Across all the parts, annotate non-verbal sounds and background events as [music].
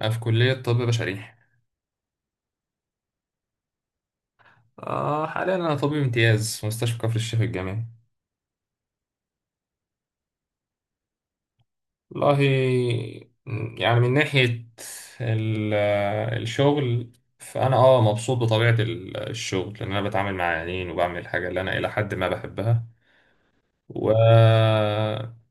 أنا في كلية طب بشري. حاليا أنا طبيب امتياز في مستشفى كفر الشيخ الجامعي. والله، من ناحية ال- الشغل، فأنا مبسوط بطبيعة الشغل، لأن أنا بتعامل مع عيانين وبعمل الحاجة اللي أنا إلى حد ما بحبها. و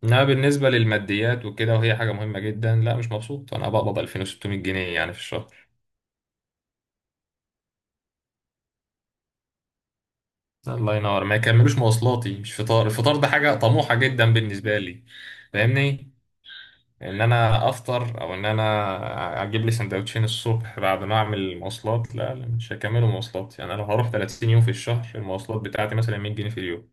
إنما بالنسبة للماديات وكده، وهي حاجة مهمة جدا، لا مش مبسوط. أنا بقبض 2600 جنيه يعني في الشهر. الله ينور، ما يكملوش مواصلاتي. مش فطار، الفطار ده حاجة طموحة جدا بالنسبة لي، فاهمني؟ ان انا افطر او ان انا اجيب لي سندوتشين الصبح بعد ما اعمل مواصلات. لا لا، مش هكمل مواصلات. يعني انا لو هروح 30 يوم في الشهر، المواصلات بتاعتي مثلا 100 جنيه في اليوم،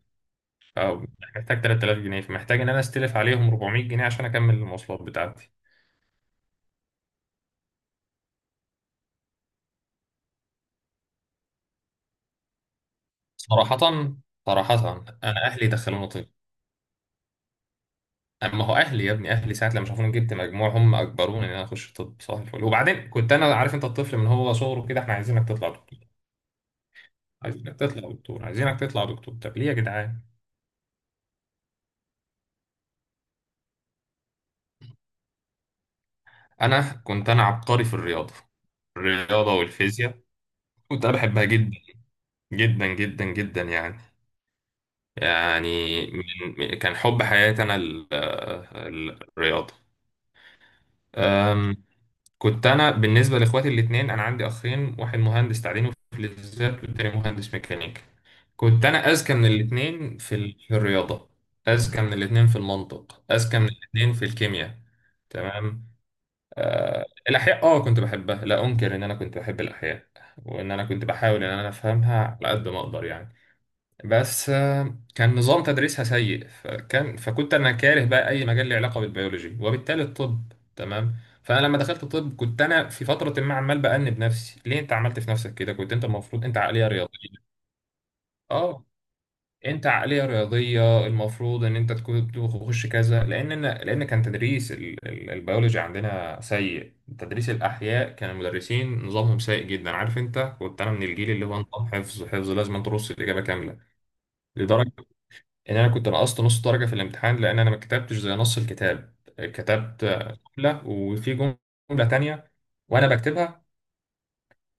او محتاج 3000 جنيه. فمحتاج ان انا استلف عليهم 400 جنيه عشان اكمل المواصلات بتاعتي. صراحة، صراحة، انا اهلي دخلوني طب. اما هو اهلي، يا ابني اهلي ساعة لما شافوني جبت مجموع هم اجبروني ان انا اخش طب. صح الفل. وبعدين كنت انا عارف، انت الطفل من هو صغره كده احنا عايزينك تطلع دكتور. عايزينك تطلع دكتور، عايزينك تطلع دكتور، طب ليه يا جدعان؟ انا كنت انا عبقري في الرياضه، الرياضه والفيزياء. كنت انا بحبها جدا، جدا جدا جدا يعني من كان حب حياتي انا الرياضه. أم، كنت انا بالنسبه لاخواتي الاثنين، انا عندي اخين، واحد مهندس تعدين وفلزات والتاني مهندس ميكانيكا. كنت انا اذكى من الاثنين في في الرياضه، اذكى من الاثنين في المنطق، اذكى من الاثنين في الكيمياء. تمام. الأحياء كنت بحبها، لا أنكر إن أنا كنت بحب الأحياء، وإن أنا كنت بحاول إن أنا أفهمها على قد ما أقدر يعني. بس كان نظام تدريسها سيء، فكنت أنا كاره بقى أي مجال له علاقة بالبيولوجي وبالتالي الطب. تمام. فأنا لما دخلت طب كنت أنا في فترة ما عمال بأنب نفسي: ليه أنت عملت في نفسك كده؟ كنت أنت المفروض أنت عقلية رياضية. آه انت عقليه رياضيه المفروض ان انت تكون تخش كذا، لان أنا لان كان تدريس البيولوجي عندنا سيء. تدريس الاحياء كان المدرسين نظامهم سيء جدا. عارف انت، كنت انا من الجيل اللي هو نظام حفظ، حفظ لازم ترص الاجابه كامله. لدرجه ان انا كنت نقصت نص درجه في الامتحان، لان انا ما كتبتش زي نص الكتاب، كتبت جمله وفي جمله تانية وانا بكتبها.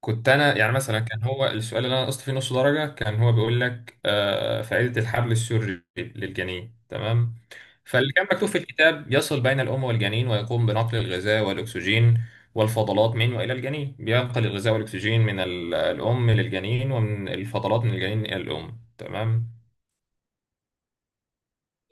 كنت انا يعني مثلا، كان هو السؤال اللي انا نقصت فيه نص درجه كان هو بيقول لك فائده الحبل السري للجنين. تمام. فاللي كان مكتوب في الكتاب: يصل بين الام والجنين، ويقوم بنقل الغذاء والاكسجين والفضلات من والى الجنين، بينقل الغذاء والاكسجين من الام للجنين ومن الفضلات من الجنين الى الام. تمام.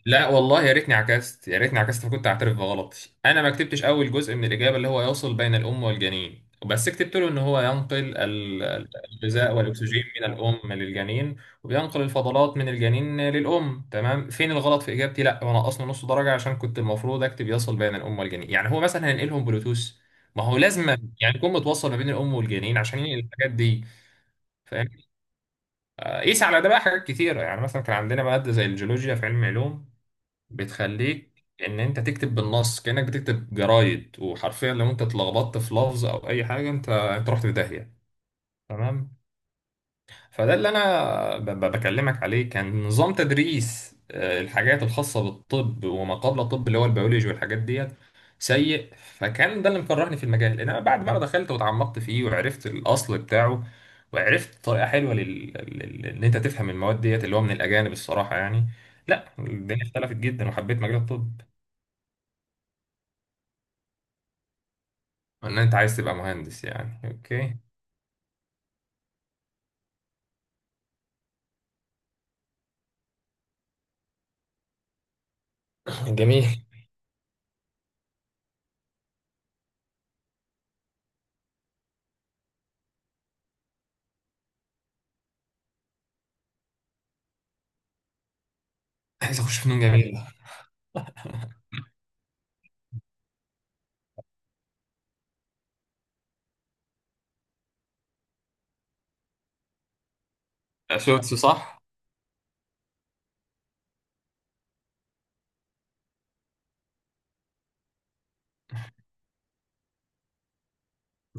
لا والله، يا ريتني عكست، يا ريتني عكست فكنت اعترف بغلطي. انا ما كتبتش اول جزء من الاجابه اللي هو يوصل بين الام والجنين، بس كتبت له ان هو ينقل الغذاء والاكسجين من الام للجنين، وبينقل الفضلات من الجنين للام. تمام. فين الغلط في اجابتي؟ لا، وانا اصلا نص درجه عشان كنت المفروض اكتب يصل بين الام والجنين. يعني هو مثلا هينقلهم بلوتوث؟ ما هو لازم يعني يكون متوصل ما بين الام والجنين عشان ينقل الحاجات دي. فاهم؟ قيس على ده بقى حاجات كتيره. يعني مثلا كان عندنا ماده زي الجيولوجيا في علم علوم بتخليك ان انت تكتب بالنص كأنك بتكتب جرايد، وحرفيا لو انت اتلخبطت في لفظ او اي حاجة، انت انت رحت في داهية. تمام. فده اللي انا بكلمك عليه. كان نظام تدريس الحاجات الخاصة بالطب وما قبل الطب، اللي هو البيولوجي والحاجات ديت، سيء، فكان ده اللي مكرهني في المجال. انما بعد ما انا دخلت وتعمقت فيه وعرفت الاصل بتاعه، وعرفت طريقة حلوة ان انت تفهم المواد ديت، اللي هو من الاجانب الصراحة يعني، لا، الدنيا اختلفت جدا وحبيت مجال الطب. ان انت عايز تبقى مهندس يعني؟ اوكي. جميل. عايز اخش فنون جميلة. شوتس صح.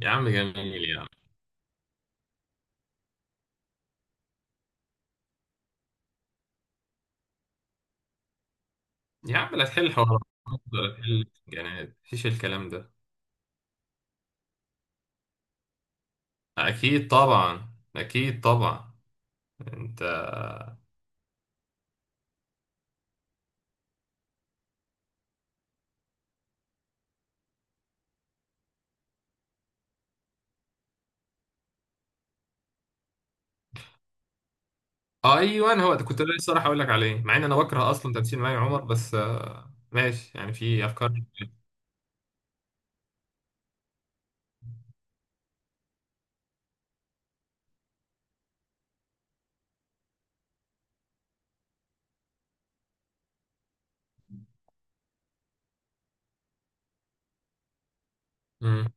يا عم جميل يا عم. يا عم لا تحل حوارات ولا تحل جنات، مفيش الكلام ده. اكيد طبعا، اكيد طبعا. انت ايوه، أنا هو ده كنت لسه راح اقول لك عليه، مع ان انا بكره اصلا تمثيل مي عمر، بس ماشي يعني، في افكار. امم.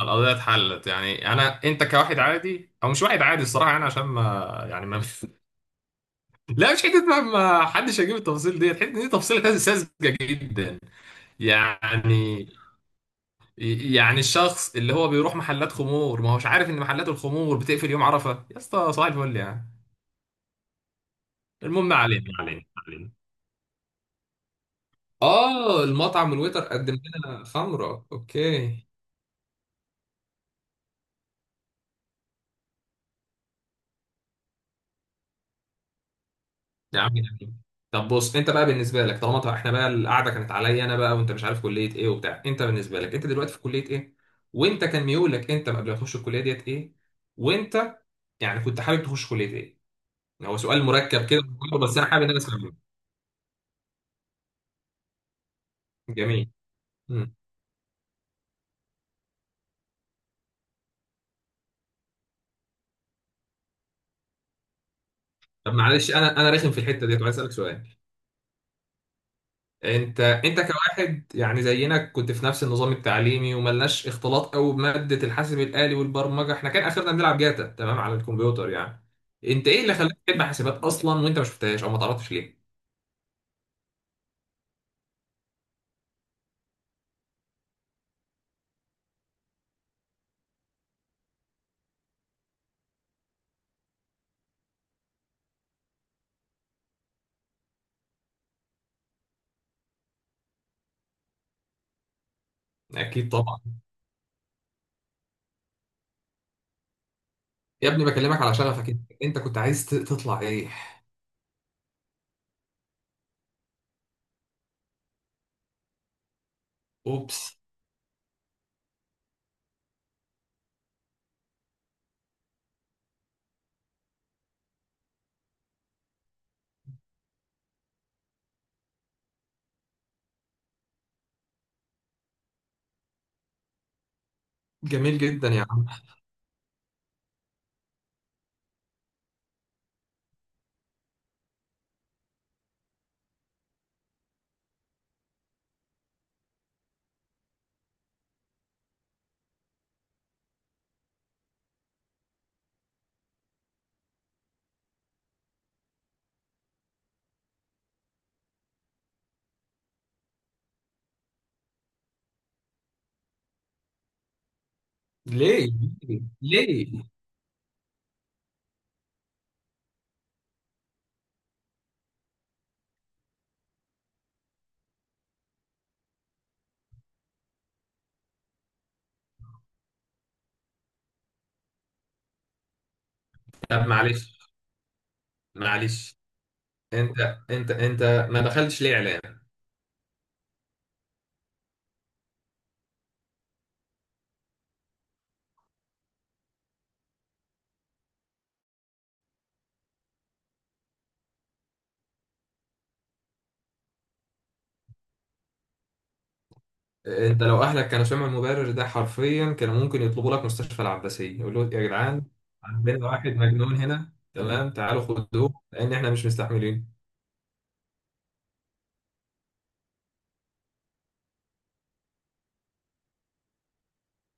القضيه اتحلت يعني. انا، انت كواحد عادي او مش واحد عادي الصراحه يعني، عشان ما يعني ما [laughs] لا مش حته بقى، ما حدش هيجيب التفاصيل ديت، حته دي تفصيله ساذجه جدا يعني. يعني الشخص اللي هو بيروح محلات خمور ما هوش عارف ان محلات الخمور بتقفل يوم عرفه؟ يا اسطى صباح الفل يعني. المهم، ما علينا، ما علينا، ما علينا. اه، المطعم الويتر قدم لنا خمره، اوكي. يا عم جميل. طب بص، انت بقى بالنسبه لك، طالما طبعا احنا بقى القعده كانت عليا انا بقى وانت مش عارف كليه ايه وبتاع، انت بالنسبه لك انت دلوقتي في كليه ايه؟ وانت كان ميولك انت قبل ما تخش الكليه ديت ايه؟ وانت يعني كنت حابب تخش كليه ايه؟ يعني هو سؤال مركب كده. بس انا حابب ان انا اسمع منك. جميل. مم. طب معلش، انا رخم في الحته ديت وعايز اسالك سؤال. انت كواحد يعني زينا كنت في نفس النظام التعليمي، وملناش اختلاط قوي بماده الحاسب الالي والبرمجه، احنا كان اخرنا بنلعب جاتا تمام على الكمبيوتر يعني. انت ايه اللي خلاك تحب حاسبات اصلا وانت ما شفتهاش، او ما تعرفش ليه؟ اكيد طبعا. يا ابني بكلمك على شغفك، انت كنت عايز تطلع ايه؟ اوبس. جميل جدا يا عم. ليه؟ ليه؟ طب معلش، معلش. انت انت ما دخلتش ليه اعلام؟ انت لو اهلك كانوا سمعوا المبرر ده حرفيا كانوا ممكن يطلبوا لك مستشفى العباسيه، يقولوا يا جدعان عندنا واحد مجنون هنا، تمام تعالوا خدوه لان احنا مش مستحملين.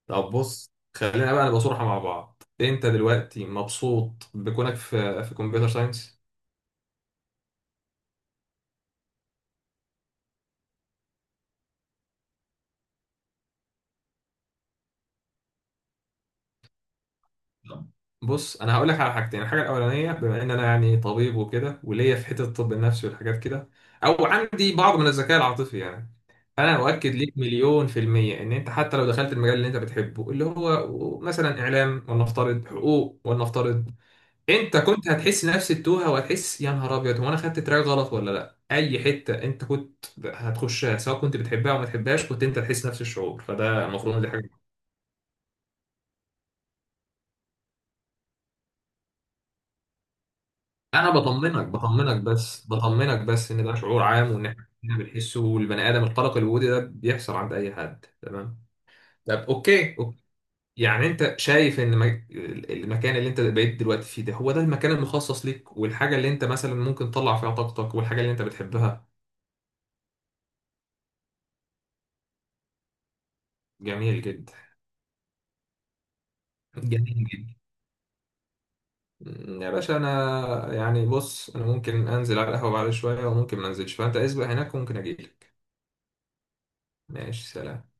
طب بص، خلينا بقى نبقى صراحه مع بعض، انت دلوقتي مبسوط بكونك في كمبيوتر ساينس؟ بص انا هقول لك على حاجتين. الحاجه الاولانيه، بما ان انا يعني طبيب وكده وليا في حته الطب النفسي والحاجات كده، او عندي بعض من الذكاء العاطفي يعني، انا اؤكد ليك مليون في الميه ان انت حتى لو دخلت المجال اللي انت بتحبه، اللي هو مثلا اعلام، ولنفترض حقوق، ولنفترض، انت كنت هتحس نفس التوهه وهتحس يا نهار ابيض هو انا خدت تراك غلط ولا لا. اي حته انت كنت هتخشها سواء كنت بتحبها او ما تحبهاش كنت انت تحس نفس الشعور. فده المفروض إن دي حاجه. انا بطمنك، بطمنك بس، بطمنك بس، ان ده شعور عام وان احنا كلنا بنحسه، والبني ادم القلق الوجودي ده بيحصل عند اي حد. تمام. طب اوكي، أوكي. يعني انت شايف ان المكان اللي انت بقيت دلوقتي فيه ده هو ده المكان المخصص ليك، والحاجه اللي انت مثلا ممكن تطلع فيها طاقتك، والحاجه اللي انت بتحبها؟ جميل جدا. جميل جدا. يا باشا انا يعني بص، انا ممكن انزل على القهوه بعد شويه وممكن ما انزلش، فانت اسبق هناك وممكن اجيلك. ماشي، سلام.